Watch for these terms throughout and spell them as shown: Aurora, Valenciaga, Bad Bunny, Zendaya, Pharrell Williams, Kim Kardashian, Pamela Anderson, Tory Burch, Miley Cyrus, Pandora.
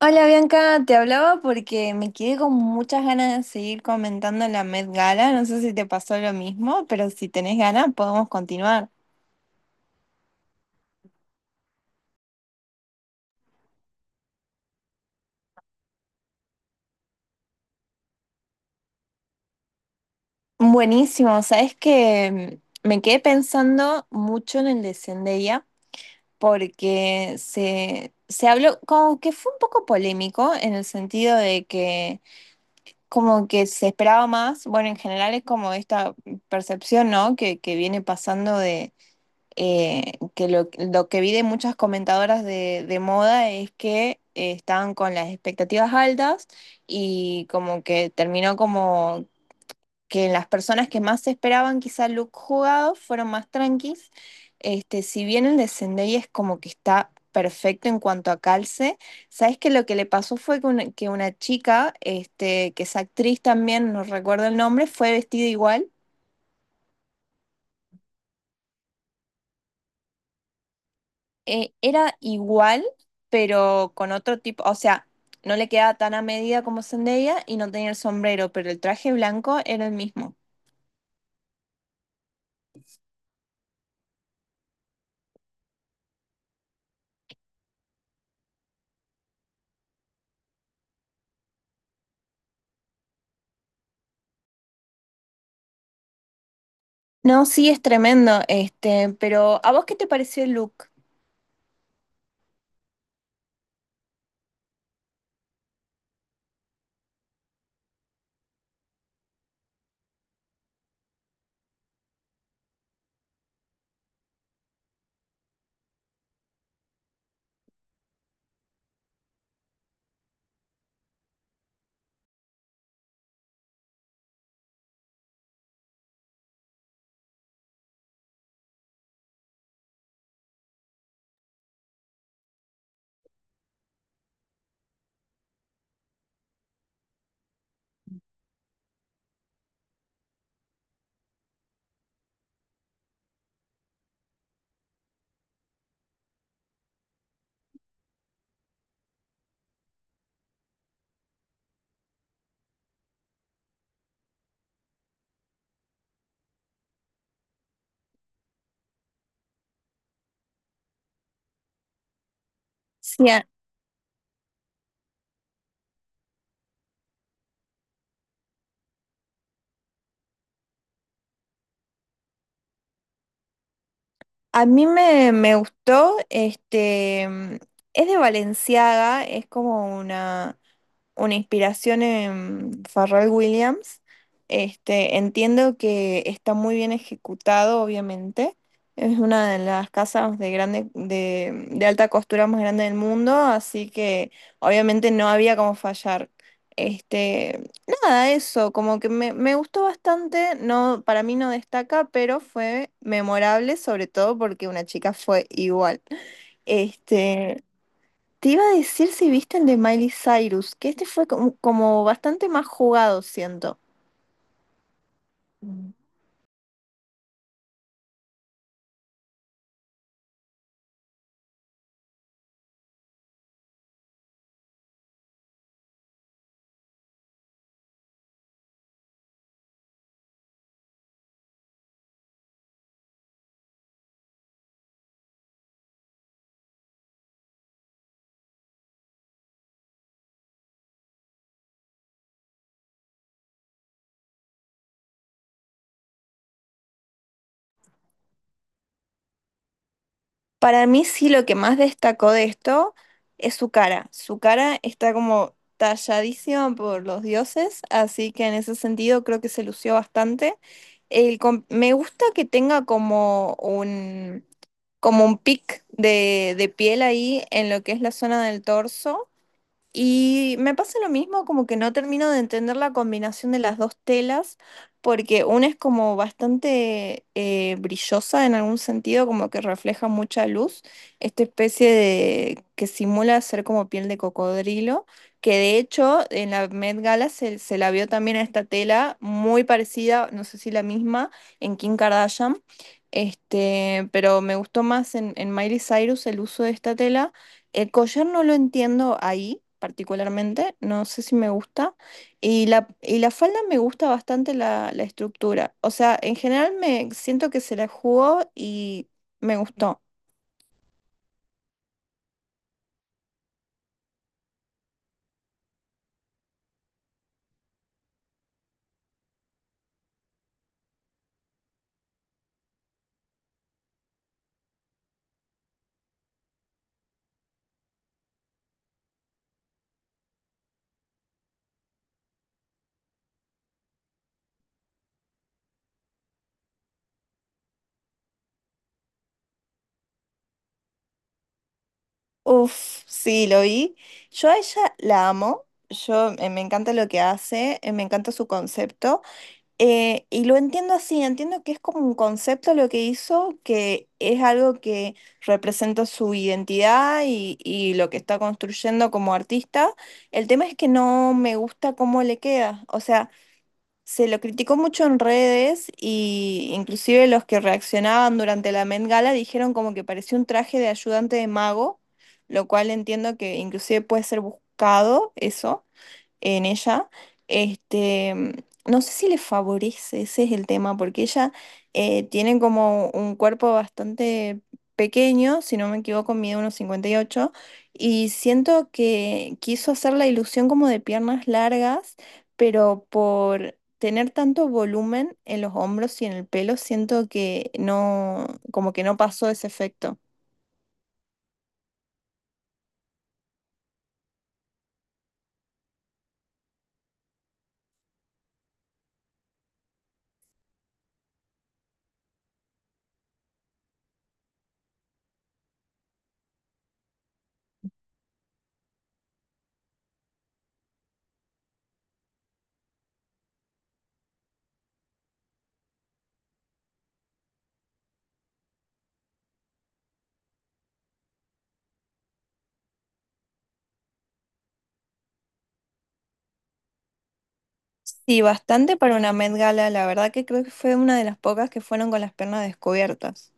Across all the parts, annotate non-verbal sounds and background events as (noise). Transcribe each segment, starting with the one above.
Hola Bianca, te hablaba porque me quedé con muchas ganas de seguir comentando la Met Gala. No sé si te pasó lo mismo, pero si tenés ganas podemos continuar. Buenísimo, sabes que me quedé pensando mucho en el de Zendaya porque se habló como que fue un poco polémico en el sentido de que como que se esperaba más. Bueno, en general es como esta percepción, ¿no? Que viene pasando que lo que vi de muchas comentadoras de moda es que estaban con las expectativas altas y como que terminó como que las personas que más esperaban quizá look jugado fueron más tranquis. Este, si bien el de Zendaya es como que está perfecto en cuanto a calce, ¿sabes que lo que le pasó fue que que una chica, este, que es actriz también, no recuerdo el nombre, fue vestida igual era igual, pero con otro tipo, o sea, no le quedaba tan a medida como Zendaya y no tenía el sombrero, pero el traje blanco era el mismo. No, sí, es tremendo, este, pero ¿a vos qué te pareció el look? Sí, a mí me gustó, este, es de Valenciaga, es como una inspiración en Pharrell Williams. Este, entiendo que está muy bien ejecutado, obviamente. Es una de las casas de grande, de alta costura más grande del mundo, así que obviamente no había como fallar. Este, nada, eso, como que me gustó bastante, no, para mí no destaca, pero fue memorable, sobre todo porque una chica fue igual. Este, te iba a decir si viste el de Miley Cyrus, que este fue como, como bastante más jugado, siento. Mm. Para mí sí lo que más destacó de esto es su cara. Su cara está como talladísima por los dioses, así que en ese sentido creo que se lució bastante. El me gusta que tenga como como un pic de piel ahí en lo que es la zona del torso. Y me pasa lo mismo, como que no termino de entender la combinación de las dos telas, porque una es como bastante brillosa en algún sentido, como que refleja mucha luz, esta especie de que simula ser como piel de cocodrilo, que de hecho en la Met Gala se la vio también a esta tela muy parecida, no sé si la misma, en Kim Kardashian. Este, pero me gustó más en Miley Cyrus el uso de esta tela. El collar no lo entiendo ahí particularmente, no sé si me gusta. Y la falda me gusta bastante la estructura. O sea, en general me siento que se la jugó y me gustó. Uf, sí, lo vi. Yo a ella la amo, yo me encanta lo que hace, me encanta su concepto. Y lo entiendo así, entiendo que es como un concepto lo que hizo, que es algo que representa su identidad y lo que está construyendo como artista. El tema es que no me gusta cómo le queda. O sea, se lo criticó mucho en redes y inclusive los que reaccionaban durante la Met Gala dijeron como que parecía un traje de ayudante de mago, lo cual entiendo que inclusive puede ser buscado eso en ella, este, no sé si le favorece, ese es el tema, porque ella tiene como un cuerpo bastante pequeño, si no me equivoco, mide unos 58, y 8, y siento que quiso hacer la ilusión como de piernas largas, pero por tener tanto volumen en los hombros y en el pelo, siento que no, como que no pasó ese efecto. Sí, bastante para una Met Gala, la verdad que creo que fue una de las pocas que fueron con las piernas descubiertas.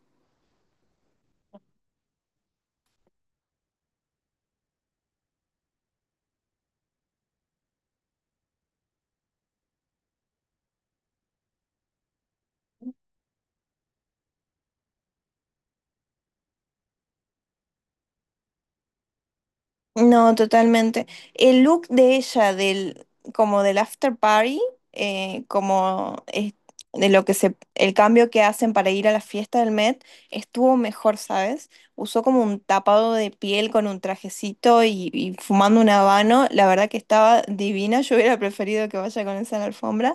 No, totalmente. El look de ella, del, como del after party, eh, como es- de lo que se, el cambio que hacen para ir a la fiesta del Met, estuvo mejor, ¿sabes? Usó como un tapado de piel con un trajecito y fumando un habano. La verdad que estaba divina. Yo hubiera preferido que vaya con esa en la alfombra.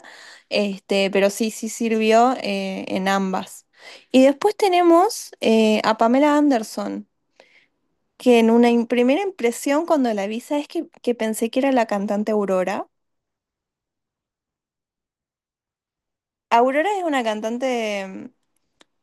Este, pero sí, sí sirvió en ambas. Y después tenemos a Pamela Anderson que en una primera impresión cuando la vi, ¿sabes que pensé que era la cantante Aurora? Aurora es una cantante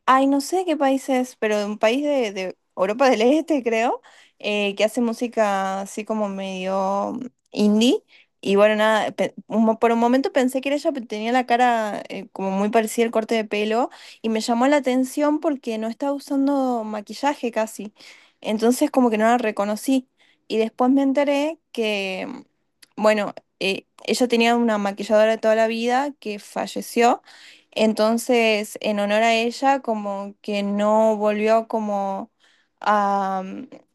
ay, no sé qué país es, pero un país de Europa del Este, creo, que hace música así como medio indie. Y bueno, nada, por un momento pensé que era ella, pero tenía la cara como muy parecida el corte de pelo. Y me llamó la atención porque no estaba usando maquillaje casi. Entonces como que no la reconocí. Y después me enteré que, bueno, ella tenía una maquilladora de toda la vida que falleció. Entonces, en honor a ella, como que no volvió como a,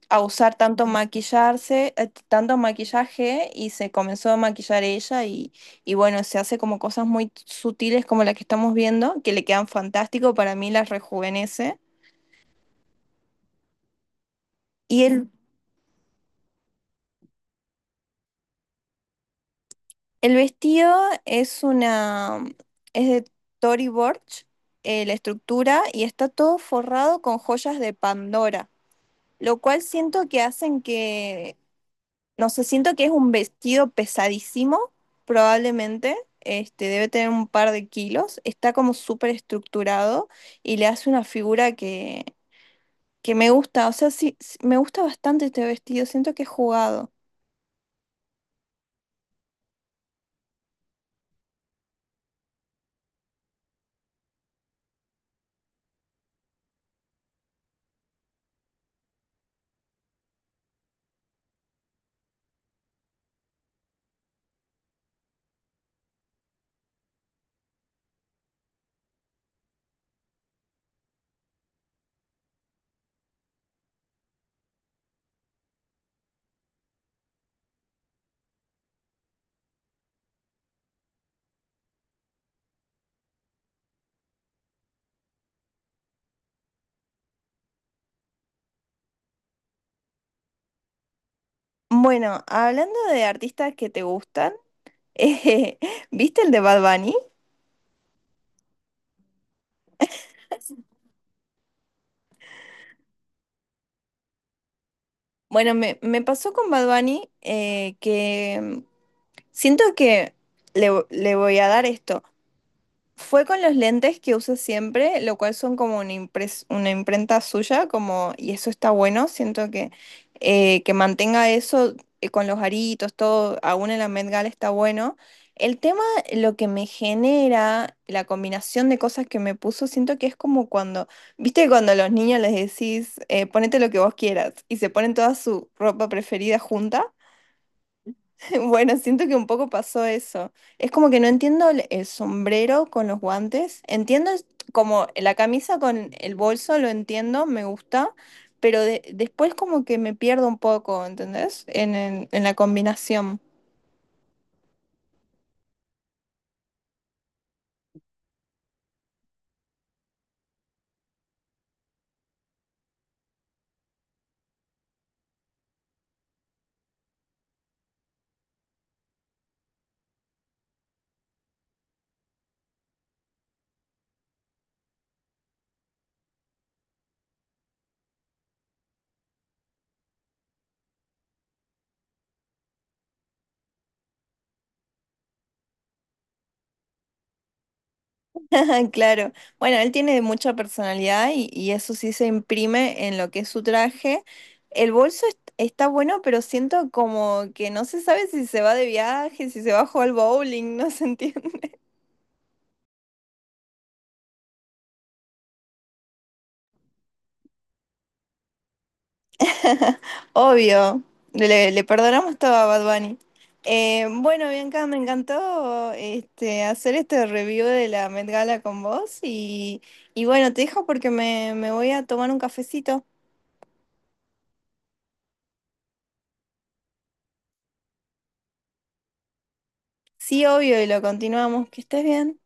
a usar tanto maquillarse, tanto maquillaje y se comenzó a maquillar ella y bueno, se hace como cosas muy sutiles como la que estamos viendo, que le quedan fantástico, para mí las rejuvenece. Y el vestido es una, es de Tory Burch, la estructura, y está todo forrado con joyas de Pandora lo cual siento que hacen que. No sé, siento que es un vestido pesadísimo, probablemente. Este, debe tener un par de kilos. Está como súper estructurado y le hace una figura que me gusta. O sea, sí, sí, me gusta bastante este vestido. Siento que es jugado. Bueno, hablando de artistas que te gustan, (laughs) eh, ¿viste el de Bad Bunny? Bueno, me pasó con Bad Bunny que siento que le voy a dar esto. Fue con los lentes que uso siempre, lo cual son como una, una imprenta suya, como, y eso está bueno, siento que mantenga eso con los aritos, todo, aún en la Met Gala está bueno. El tema, lo que me genera, la combinación de cosas que me puso, siento que es como cuando, viste, cuando a los niños les decís, ponete lo que vos quieras, y se ponen toda su ropa preferida junta. (laughs) Bueno, siento que un poco pasó eso. Es como que no entiendo el sombrero con los guantes. Como la camisa con el bolso, lo entiendo, me gusta, pero después como que me pierdo un poco, ¿entendés? En la combinación. (laughs) Claro. Bueno, él tiene mucha personalidad y eso sí se imprime en lo que es su traje. Está bueno, pero siento como que no se sabe si se va de viaje, si se va a jugar al bowling, (laughs) no se entiende. (laughs) Obvio, le perdonamos todo a Bad Bunny. Bueno, Bianca, me encantó este, hacer este review de la Met Gala con vos y bueno, te dejo porque me voy a tomar un cafecito. Sí, obvio, y lo continuamos. Que estés bien.